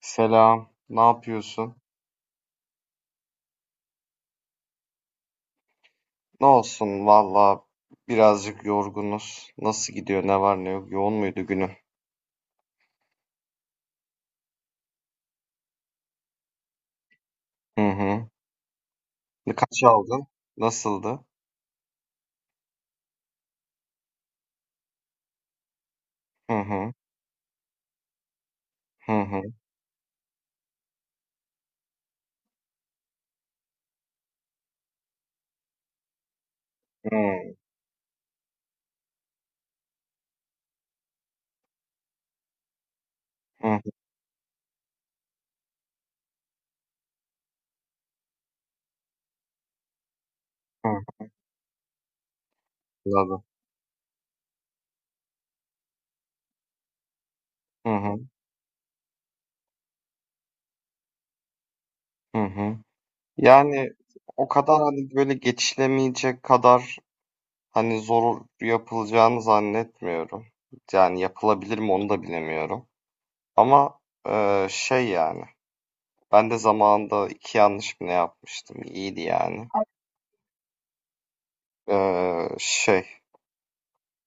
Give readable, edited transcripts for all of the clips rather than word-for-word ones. Selam, ne yapıyorsun? Ne olsun valla, birazcık yorgunuz. Nasıl gidiyor, ne var ne yok? Yoğun muydu günün? Hı hı. Kaç aldın? Nasıldı? Hı hı. Hı hı. Hı hı. Hı hı. Anladım. Hı hı. Hı hı. Yani o kadar hani böyle geçilemeyecek kadar hani zor yapılacağını zannetmiyorum. Yani yapılabilir mi onu da bilemiyorum. Ama şey yani. Ben de zamanında iki yanlış mı ne yapmıştım? İyiydi yani. Şey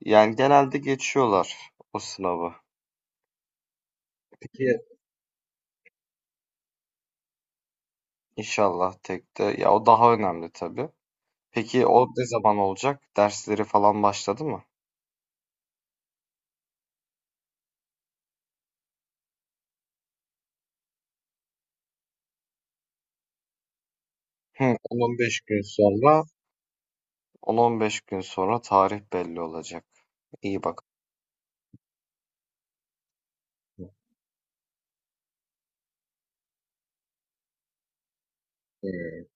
yani genelde geçiyorlar o sınavı. Peki inşallah tek de ya o daha önemli tabii. Peki o ne zaman olacak? Dersleri falan başladı mı? Hı, 10-15 gün sonra, 10-15 gün sonra tarih belli olacak. İyi bak. Hı.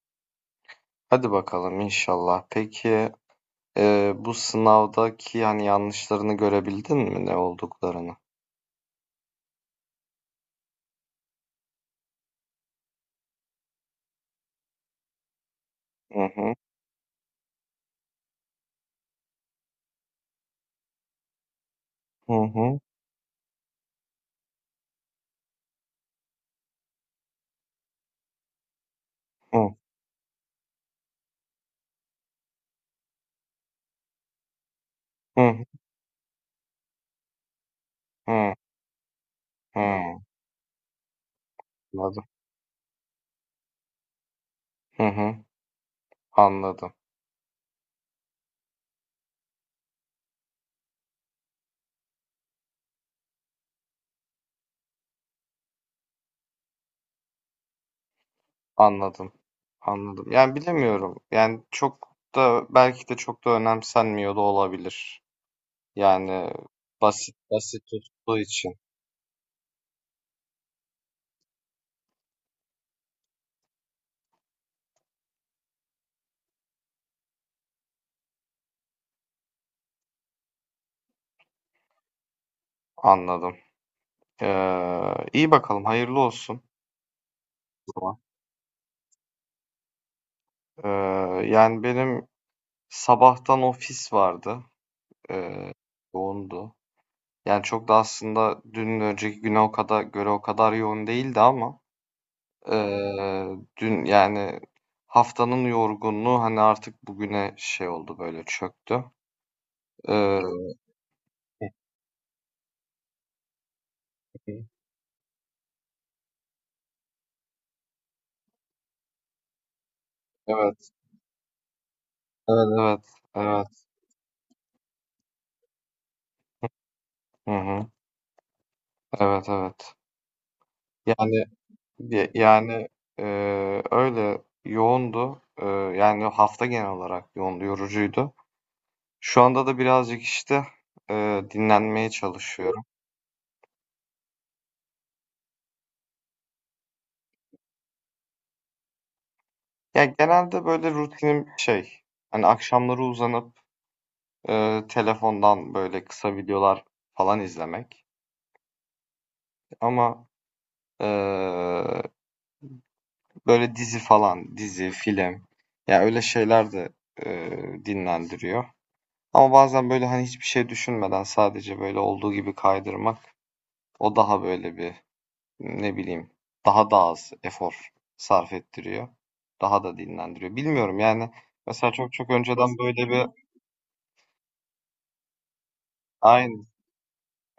Hadi bakalım inşallah. Peki e, bu sınavdaki yani yanlışlarını görebildin mi ne olduklarını? Hı hı, hı hı, hı hı, hı hı. Anladım. Hı hı, anladım. Anladım. Anladım. Yani bilemiyorum. Yani çok da belki de çok da önemsenmiyor da olabilir. Yani basit basit tuttuğu için anladım. İyi bakalım. Hayırlı olsun o zaman. Ee, yani benim sabahtan ofis vardı. Ee, yoğundu. Yani çok da aslında dün önceki güne o kadar göre o kadar yoğun değildi ama ee, dün yani haftanın yorgunluğu hani artık bugüne şey oldu böyle çöktü. Eee, evet, evet, evet, evet. Hı hı. Evet, evet. Yani yani öyle yoğundu. Yani hafta genel olarak yoğundu, yorucuydu. Şu anda da birazcık işte dinlenmeye çalışıyorum. Ya genelde böyle rutinim şey, hani akşamları uzanıp telefondan böyle kısa videolar falan izlemek. Ama eee böyle dizi falan, dizi, film. Ya öyle şeyler de dinlendiriyor. Ama bazen böyle hani hiçbir şey düşünmeden sadece böyle olduğu gibi kaydırmak o daha böyle bir ne bileyim daha da az efor sarf ettiriyor. Daha da dinlendiriyor. Bilmiyorum yani, mesela çok çok önceden böyle bir aynı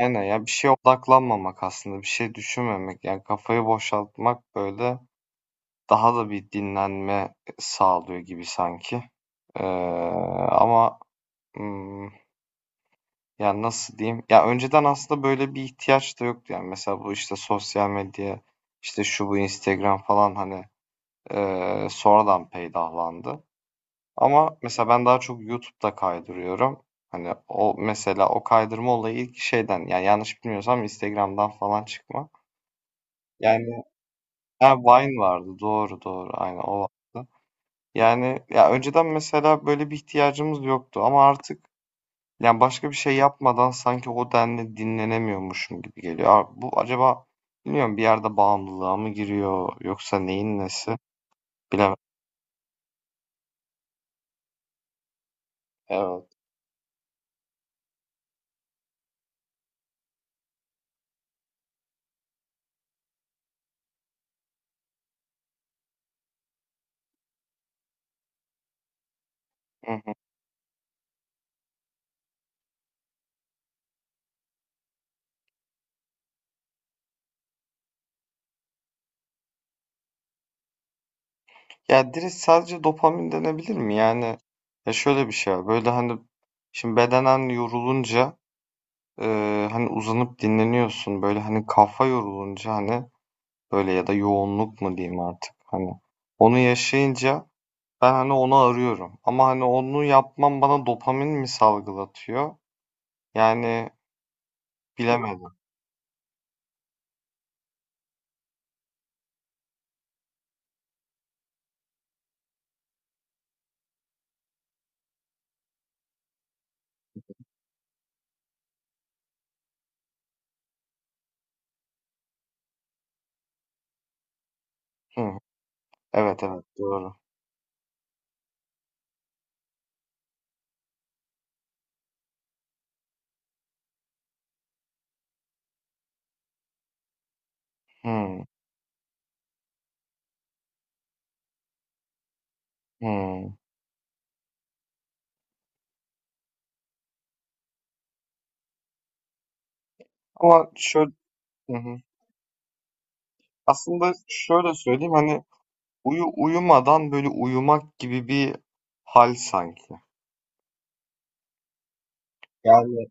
aynen ya, bir şeye odaklanmamak aslında bir şey düşünmemek yani kafayı boşaltmak böyle daha da bir dinlenme sağlıyor gibi sanki. Eee, ama, ımm, yani, nasıl diyeyim? Ya, önceden aslında böyle bir ihtiyaç da yoktu. Yani, mesela bu, işte, sosyal medya, işte, şu bu Instagram falan, hani, sonradan peydahlandı. Ama mesela ben daha çok YouTube'da kaydırıyorum. Hani, o mesela o kaydırma olayı ilk şeyden, yani, yanlış bilmiyorsam Instagram'dan falan çıkma. Yani ha, Vine vardı. Doğru, doğru. Aynen o vardı. Yani ya önceden mesela böyle bir ihtiyacımız yoktu ama artık yani başka bir şey yapmadan sanki o denli dinlenemiyormuşum gibi geliyor. Abi bu acaba bilmiyorum bir yerde bağımlılığa mı giriyor yoksa neyin nesi bilemem. Evet. Hı hı. Ya direkt sadece dopamin denebilir mi? Yani ya şöyle bir şey var. Böyle hani şimdi bedenen yorulunca e, hani uzanıp dinleniyorsun. Böyle hani kafa yorulunca hani böyle ya da yoğunluk mu diyeyim artık hani onu yaşayınca ben hani onu arıyorum. Ama hani onu yapmam bana dopamin mi salgılatıyor? Yani bilemedim. Hı. Evet evet doğru. Hı. Hı. Ama şöyle hı hı. Aslında şöyle söyleyeyim hani uyumadan böyle uyumak gibi bir hal sanki. Yani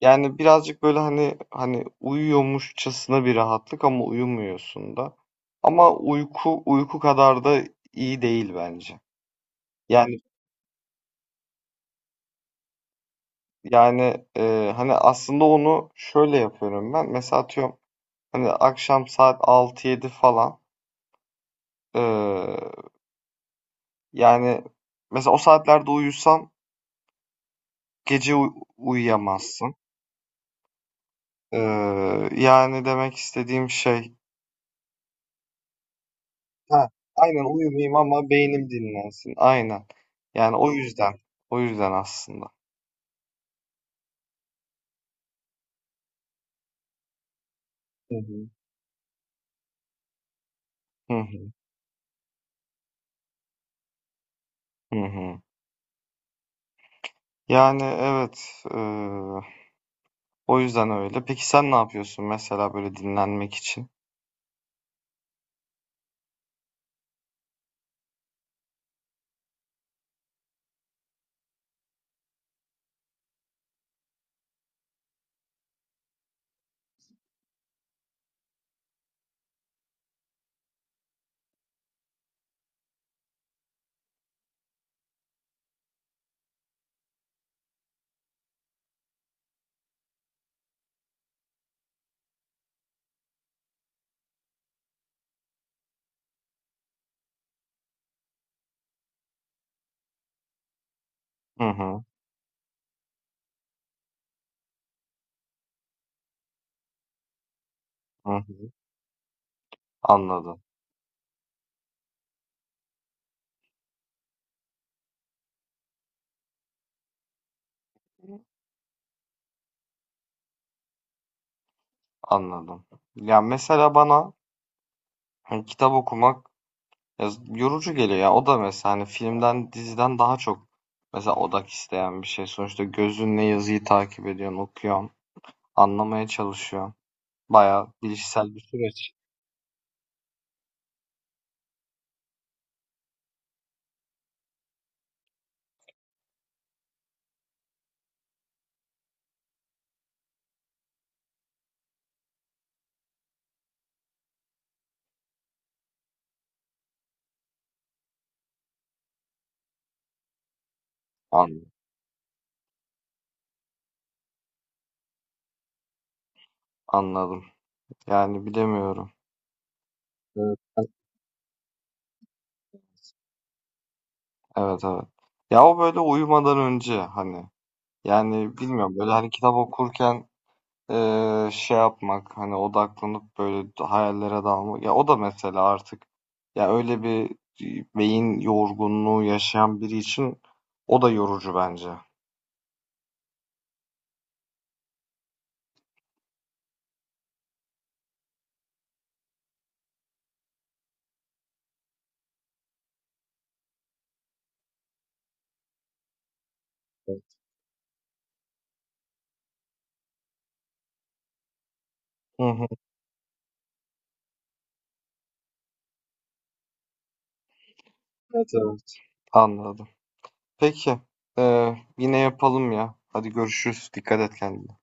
yani birazcık böyle hani uyuyormuşçasına bir rahatlık ama uyumuyorsun da. Ama uyku kadar da iyi değil bence. Yani yani e, hani aslında onu şöyle yapıyorum ben. Mesela atıyorum hani akşam saat altı yedi falan. E, yani mesela o saatlerde uyusan gece uyuyamazsın. E, yani demek istediğim şey. Ha, aynen uyumayayım ama beynim dinlensin. Aynen. Yani o yüzden. O yüzden aslında. Hı hı. Hı hı. Hı hı. Yani evet. E, o yüzden öyle. Peki sen ne yapıyorsun mesela böyle dinlenmek için? Hı hı. Hı hı. Anladım. Anladım. Ya mesela bana hani kitap okumak ya yorucu geliyor ya. O da mesela hani filmden, diziden daha çok mesela odak isteyen bir şey. Sonuçta gözünle yazıyı takip ediyorsun, okuyorsun, anlamaya çalışıyorsun. Bayağı bilişsel bir süreç. An- Anladım. Yani bilemiyorum. Evet, evet, evet. Ya o böyle uyumadan önce hani yani bilmiyorum böyle hani kitap okurken şey yapmak hani odaklanıp böyle hayallere dalmak ya o da mesela artık ya öyle bir beyin yorgunluğu yaşayan biri için o da yorucu bence. Hı hı. Evet, evet. Anladım. Peki. Yine yapalım ya. Hadi görüşürüz. Dikkat et kendine.